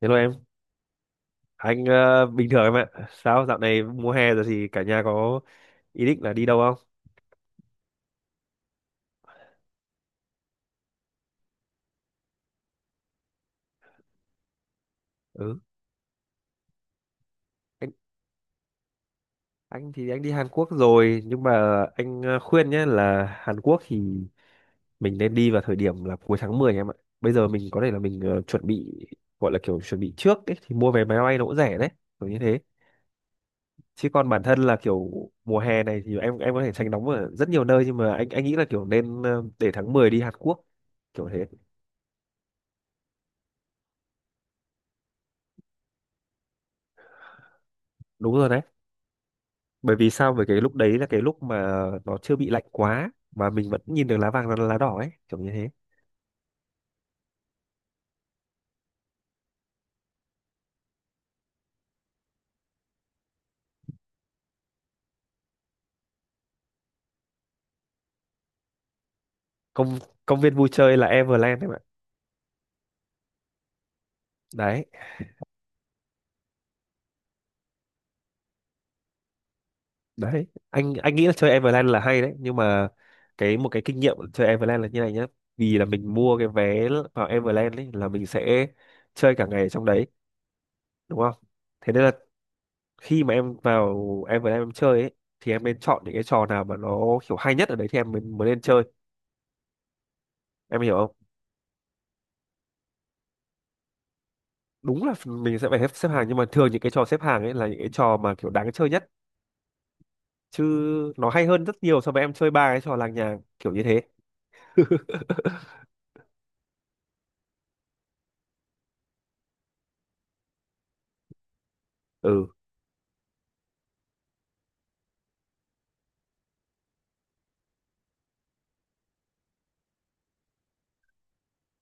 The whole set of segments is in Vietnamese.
Hello em, anh bình thường em ạ. Sao dạo này mùa hè rồi thì cả nhà có ý định là đi đâu không? Ừ, anh anh thì anh đi Hàn Quốc rồi nhưng mà anh khuyên nhé là Hàn Quốc thì mình nên đi vào thời điểm là cuối tháng 10 em ạ. Bây giờ mình có thể là mình chuẩn bị gọi là kiểu chuẩn bị trước ấy, thì mua vé máy bay nó cũng rẻ đấy, kiểu như thế. Chứ còn bản thân là kiểu mùa hè này thì em có thể tránh nóng ở rất nhiều nơi nhưng mà anh nghĩ là kiểu nên để tháng 10 đi Hàn Quốc kiểu thế. Đúng rồi đấy. Bởi vì sao bởi cái lúc đấy là cái lúc mà nó chưa bị lạnh quá mà mình vẫn nhìn được lá vàng lá lá đỏ ấy kiểu như thế. Công công viên vui chơi là Everland em ạ. Đấy đấy anh nghĩ là chơi Everland là hay đấy nhưng mà một cái kinh nghiệm chơi Everland là như này nhá. Vì là mình mua cái vé vào Everland ấy là mình sẽ chơi cả ngày ở trong đấy đúng không? Thế nên là khi mà em vào Everland em chơi ấy thì em nên chọn những cái trò nào mà nó kiểu hay nhất ở đấy thì em mới mới nên chơi. Em hiểu không? Đúng là mình sẽ phải xếp xếp hàng nhưng mà thường những cái trò xếp hàng ấy là những cái trò mà kiểu đáng chơi nhất chứ nó hay hơn rất nhiều so với em chơi ba cái trò làng nhàng kiểu như thế. Ừ,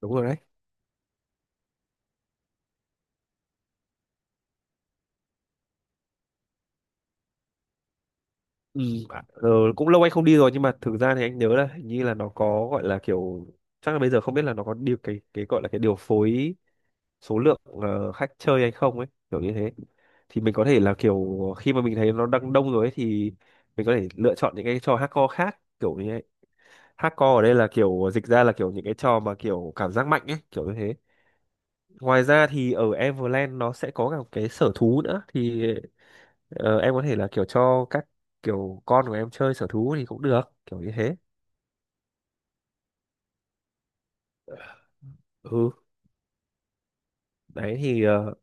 đúng rồi đấy. Ừ, à, ờ, cũng lâu anh không đi rồi nhưng mà thực ra thì anh nhớ là hình như là nó có gọi là kiểu, chắc là bây giờ không biết là nó có điều cái gọi là cái điều phối số lượng khách chơi hay không ấy kiểu như thế. Thì mình có thể là kiểu khi mà mình thấy nó đang đông rồi ấy thì mình có thể lựa chọn những cái trò hardcore khác kiểu như. Hardcore ở đây là kiểu dịch ra là kiểu những cái trò mà kiểu cảm giác mạnh ấy, kiểu như thế. Ngoài ra thì ở Everland nó sẽ có cả một cái sở thú nữa thì em có thể là kiểu cho các kiểu con của em chơi sở thú thì cũng được, kiểu như thế. Ừ, đấy thì ờ,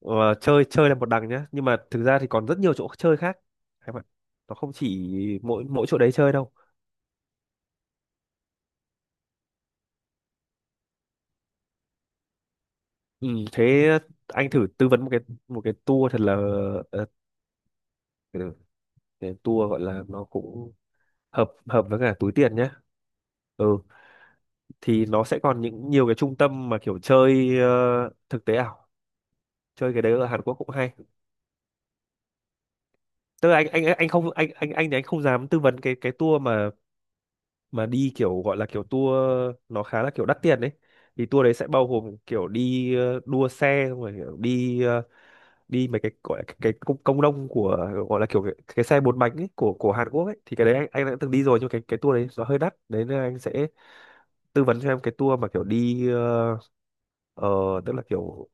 ờ, chơi chơi là một đằng nhá, nhưng mà thực ra thì còn rất nhiều chỗ chơi khác em ạ. Nó không chỉ mỗi mỗi chỗ đấy chơi đâu. Ừ, thế anh thử tư vấn một cái tour thật là ờ, cái tour gọi là nó cũng hợp hợp với cả túi tiền nhé. Ừ, thì nó sẽ còn những nhiều cái trung tâm mà kiểu chơi thực tế ảo, chơi cái đấy ở Hàn Quốc cũng hay. Tức là anh không anh anh thì anh không dám tư vấn cái tour mà đi kiểu gọi là kiểu tour nó khá là kiểu đắt tiền đấy. Thì tour đấy sẽ bao gồm kiểu đi đua xe xong rồi kiểu đi đi mấy cái gọi là cái công công nông của gọi là kiểu cái xe bốn bánh ấy, của Hàn Quốc ấy thì cái đấy anh đã từng đi rồi nhưng mà cái tour đấy nó hơi đắt đấy nên anh sẽ tư vấn cho em cái tour mà kiểu đi Ờ, tức là kiểu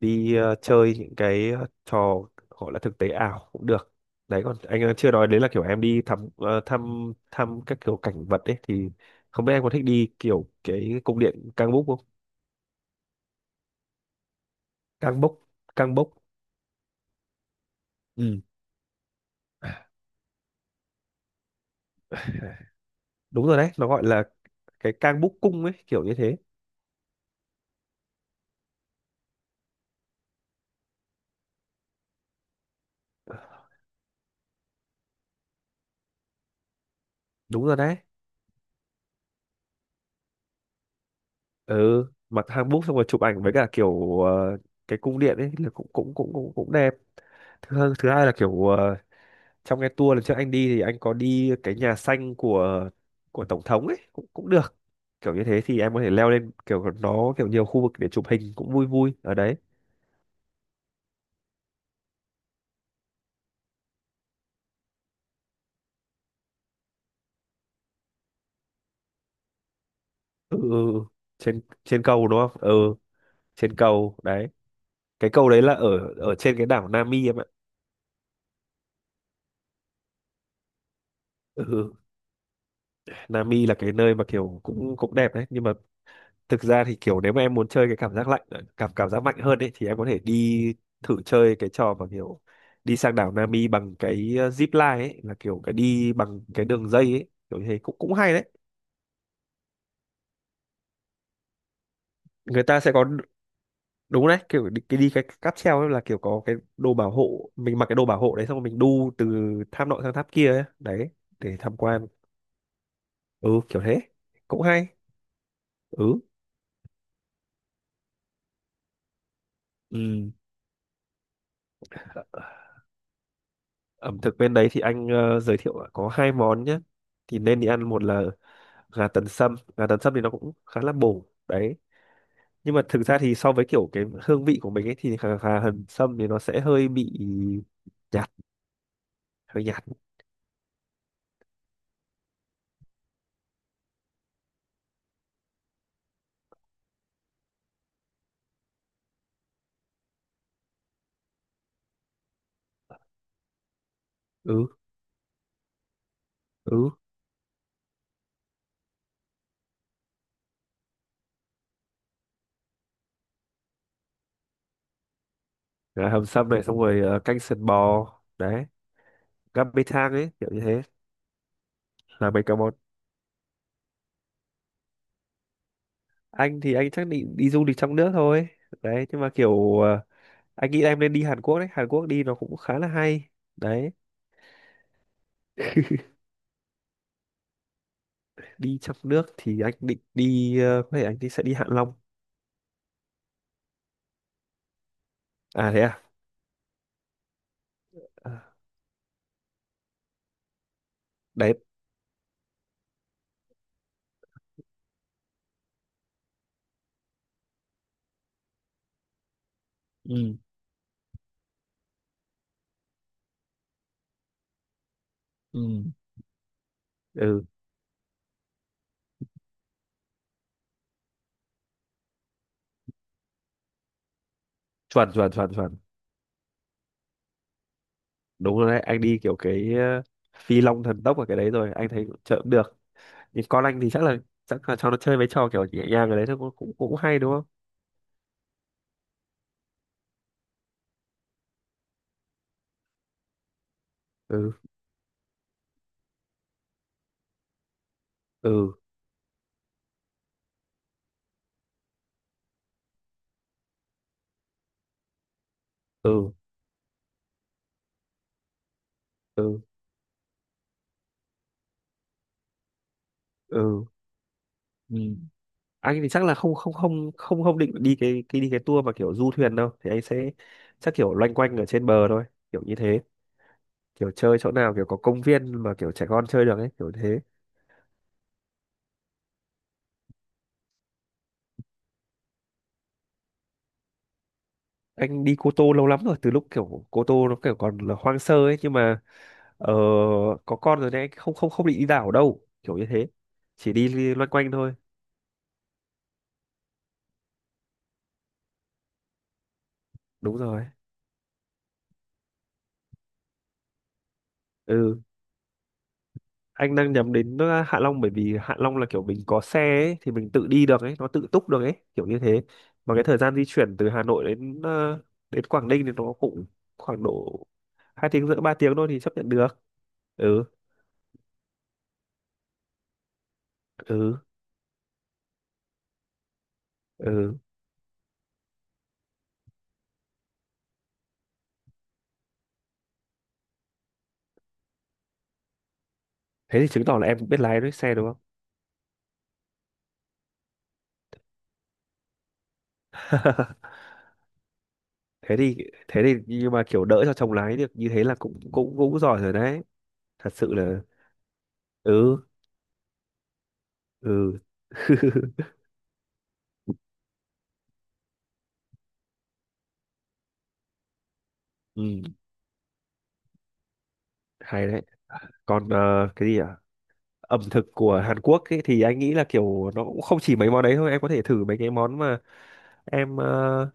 đi chơi những cái trò gọi là thực tế ảo cũng được. Đấy còn anh chưa nói đến là kiểu em đi thăm ờ, thăm thăm các kiểu cảnh vật ấy thì không biết em có thích đi kiểu cái cung điện Cang Búc không? Cang Bốc, Cang Bốc. Ừ, đúng rồi đấy, nó gọi là cái Cang Búc cung ấy, kiểu như thế. Đúng rồi đấy. Ừ, mặc hàng búc xong rồi chụp ảnh với cả kiểu cái cung điện ấy là cũng cũng cũng cũng cũng đẹp. Thứ thứ hai là kiểu trong cái tour lần trước anh đi thì anh có đi cái nhà xanh của tổng thống ấy cũng cũng được kiểu như thế thì em có thể leo lên kiểu nó kiểu nhiều khu vực để chụp hình cũng vui vui ở đấy. Ừ, ừ, ừ. trên trên cầu đúng không? Ừ, trên cầu đấy. Cái cầu đấy là ở ở trên cái đảo Nami em ạ. Ừ, ừ. Nami là cái nơi mà kiểu cũng cũng đẹp đấy nhưng mà thực ra thì kiểu nếu mà em muốn chơi cái cảm giác lạnh cảm cảm giác mạnh hơn ấy thì em có thể đi thử chơi cái trò mà kiểu đi sang đảo Nami bằng cái zip line ấy là kiểu cái đi bằng cái đường dây ấy kiểu như thế cũng cũng hay đấy. Người ta sẽ có đúng đấy kiểu đi cái cáp treo ấy là kiểu có cái đồ bảo hộ mình mặc cái đồ bảo hộ đấy xong rồi mình đu từ tháp nọ sang tháp kia ấy. Đấy để tham quan, ừ kiểu thế cũng hay. Ừ, ừ. Ẩm thực bên đấy thì anh giới thiệu là có hai món nhé, thì nên đi ăn một là gà tần sâm. Gà tần sâm thì nó cũng khá là bổ đấy nhưng mà thực ra thì so với kiểu cái hương vị của mình ấy thì gà hầm sâm thì nó sẽ hơi bị nhạt, hơi nhạt. Ừ, ừ, gà hầm sâm này xong rồi canh sườn bò đấy, gắp bê thang ấy kiểu như thế là mấy cái món. Anh thì anh chắc định đi du lịch trong nước thôi đấy nhưng mà kiểu anh nghĩ em nên đi Hàn Quốc đấy, Hàn Quốc đi nó cũng khá là hay đấy. Đi trong nước thì anh định đi có thể anh sẽ đi Hạ Long. À thế à. À, đấy. Ừ, ừ, ừ, chuẩn chuẩn chuẩn chuẩn. Đúng rồi đấy, anh đi kiểu cái phi long thần tốc ở cái đấy rồi anh thấy chợ cũng được nhưng con anh thì chắc là cho nó chơi mấy trò kiểu nhẹ nhàng ở đấy thôi cũng cũng cũng hay đúng không? Ừ, ừ, ừ, ừ, ừ, ừ. Anh thì chắc là không không không không không định đi cái đi cái tour mà kiểu du thuyền đâu thì anh sẽ chắc kiểu loanh quanh ở trên bờ thôi kiểu như thế, kiểu chơi chỗ nào kiểu có công viên mà kiểu trẻ con chơi được ấy kiểu thế. Anh đi Cô Tô lâu lắm rồi từ lúc kiểu Cô Tô nó kiểu còn là hoang sơ ấy nhưng mà ờ, có con rồi đấy, không không không định đi đảo đâu kiểu như thế. Chỉ đi, loanh quanh thôi. Đúng rồi, ừ. Anh đang nhắm đến Hạ Long bởi vì Hạ Long là kiểu mình có xe ấy, thì mình tự đi được ấy nó tự túc được ấy kiểu như thế mà cái thời gian di chuyển từ Hà Nội đến Quảng Ninh thì nó cũng khoảng độ 2 tiếng rưỡi 3 tiếng thôi thì chấp nhận được. Ừ, ừ, ừ, thế thì chứng tỏ là em cũng biết lái đấy xe đúng không? thế thì thế thì nhưng mà kiểu đỡ cho chồng lái được như thế là cũng cũng cũng giỏi rồi đấy. Thật sự là, ừ, ừ, ừ hay đấy. Còn cái gì ạ, ẩm thực của Hàn Quốc ấy, thì anh nghĩ là kiểu nó cũng không chỉ mấy món đấy thôi, em có thể thử mấy cái món mà em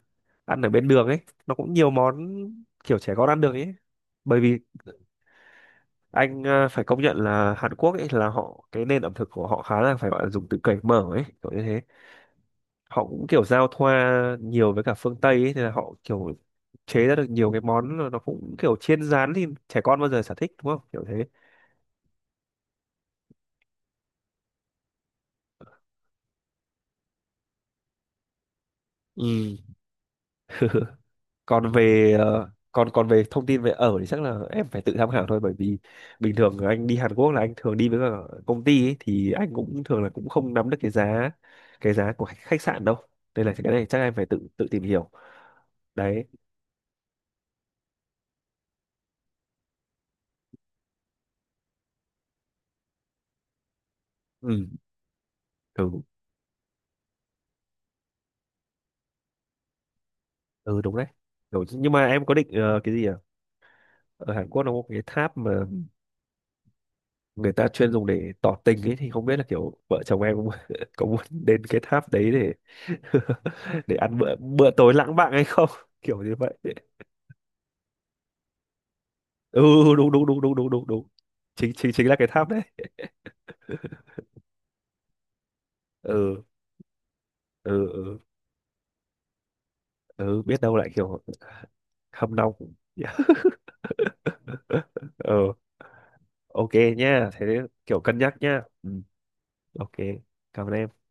ăn ở bên đường ấy nó cũng nhiều món kiểu trẻ con ăn được ấy. Bởi vì anh phải công nhận là Hàn Quốc ấy là họ, cái nền ẩm thực của họ khá là phải gọi là dùng từ cởi mở ấy kiểu như thế. Họ cũng kiểu giao thoa nhiều với cả phương Tây ấy, thì là họ kiểu chế ra được nhiều cái món là nó cũng kiểu chiên rán thì trẻ con bao giờ sở thích đúng không kiểu thế. Ừ. Còn về ờ, còn còn về thông tin về ở thì chắc là em phải tự tham khảo thôi, bởi vì bình thường anh đi Hàn Quốc là anh thường đi với cả công ty ấy, thì anh cũng thường là cũng không nắm được cái giá, của khách khách sạn đâu nên là cái này chắc em phải tự tự tìm hiểu đấy. Ừ, ừ, ừ đúng đấy. Nhưng mà em có định cái gì à, ở Hàn Quốc nó có cái tháp mà người ta chuyên dùng để tỏ tình ấy thì không biết là kiểu vợ chồng em có, có muốn đến cái tháp đấy để để ăn bữa bữa tối lãng mạn hay không kiểu như vậy. Ừ, đúng đúng đúng đúng đúng đúng đúng, chính chính chính là cái tháp đấy. Ừ, ừ, ừ, ừ biết đâu lại kiểu hâm nóng. Ừ, ok nhá thế kiểu cân nhắc nhá, ừ, ok cảm ơn em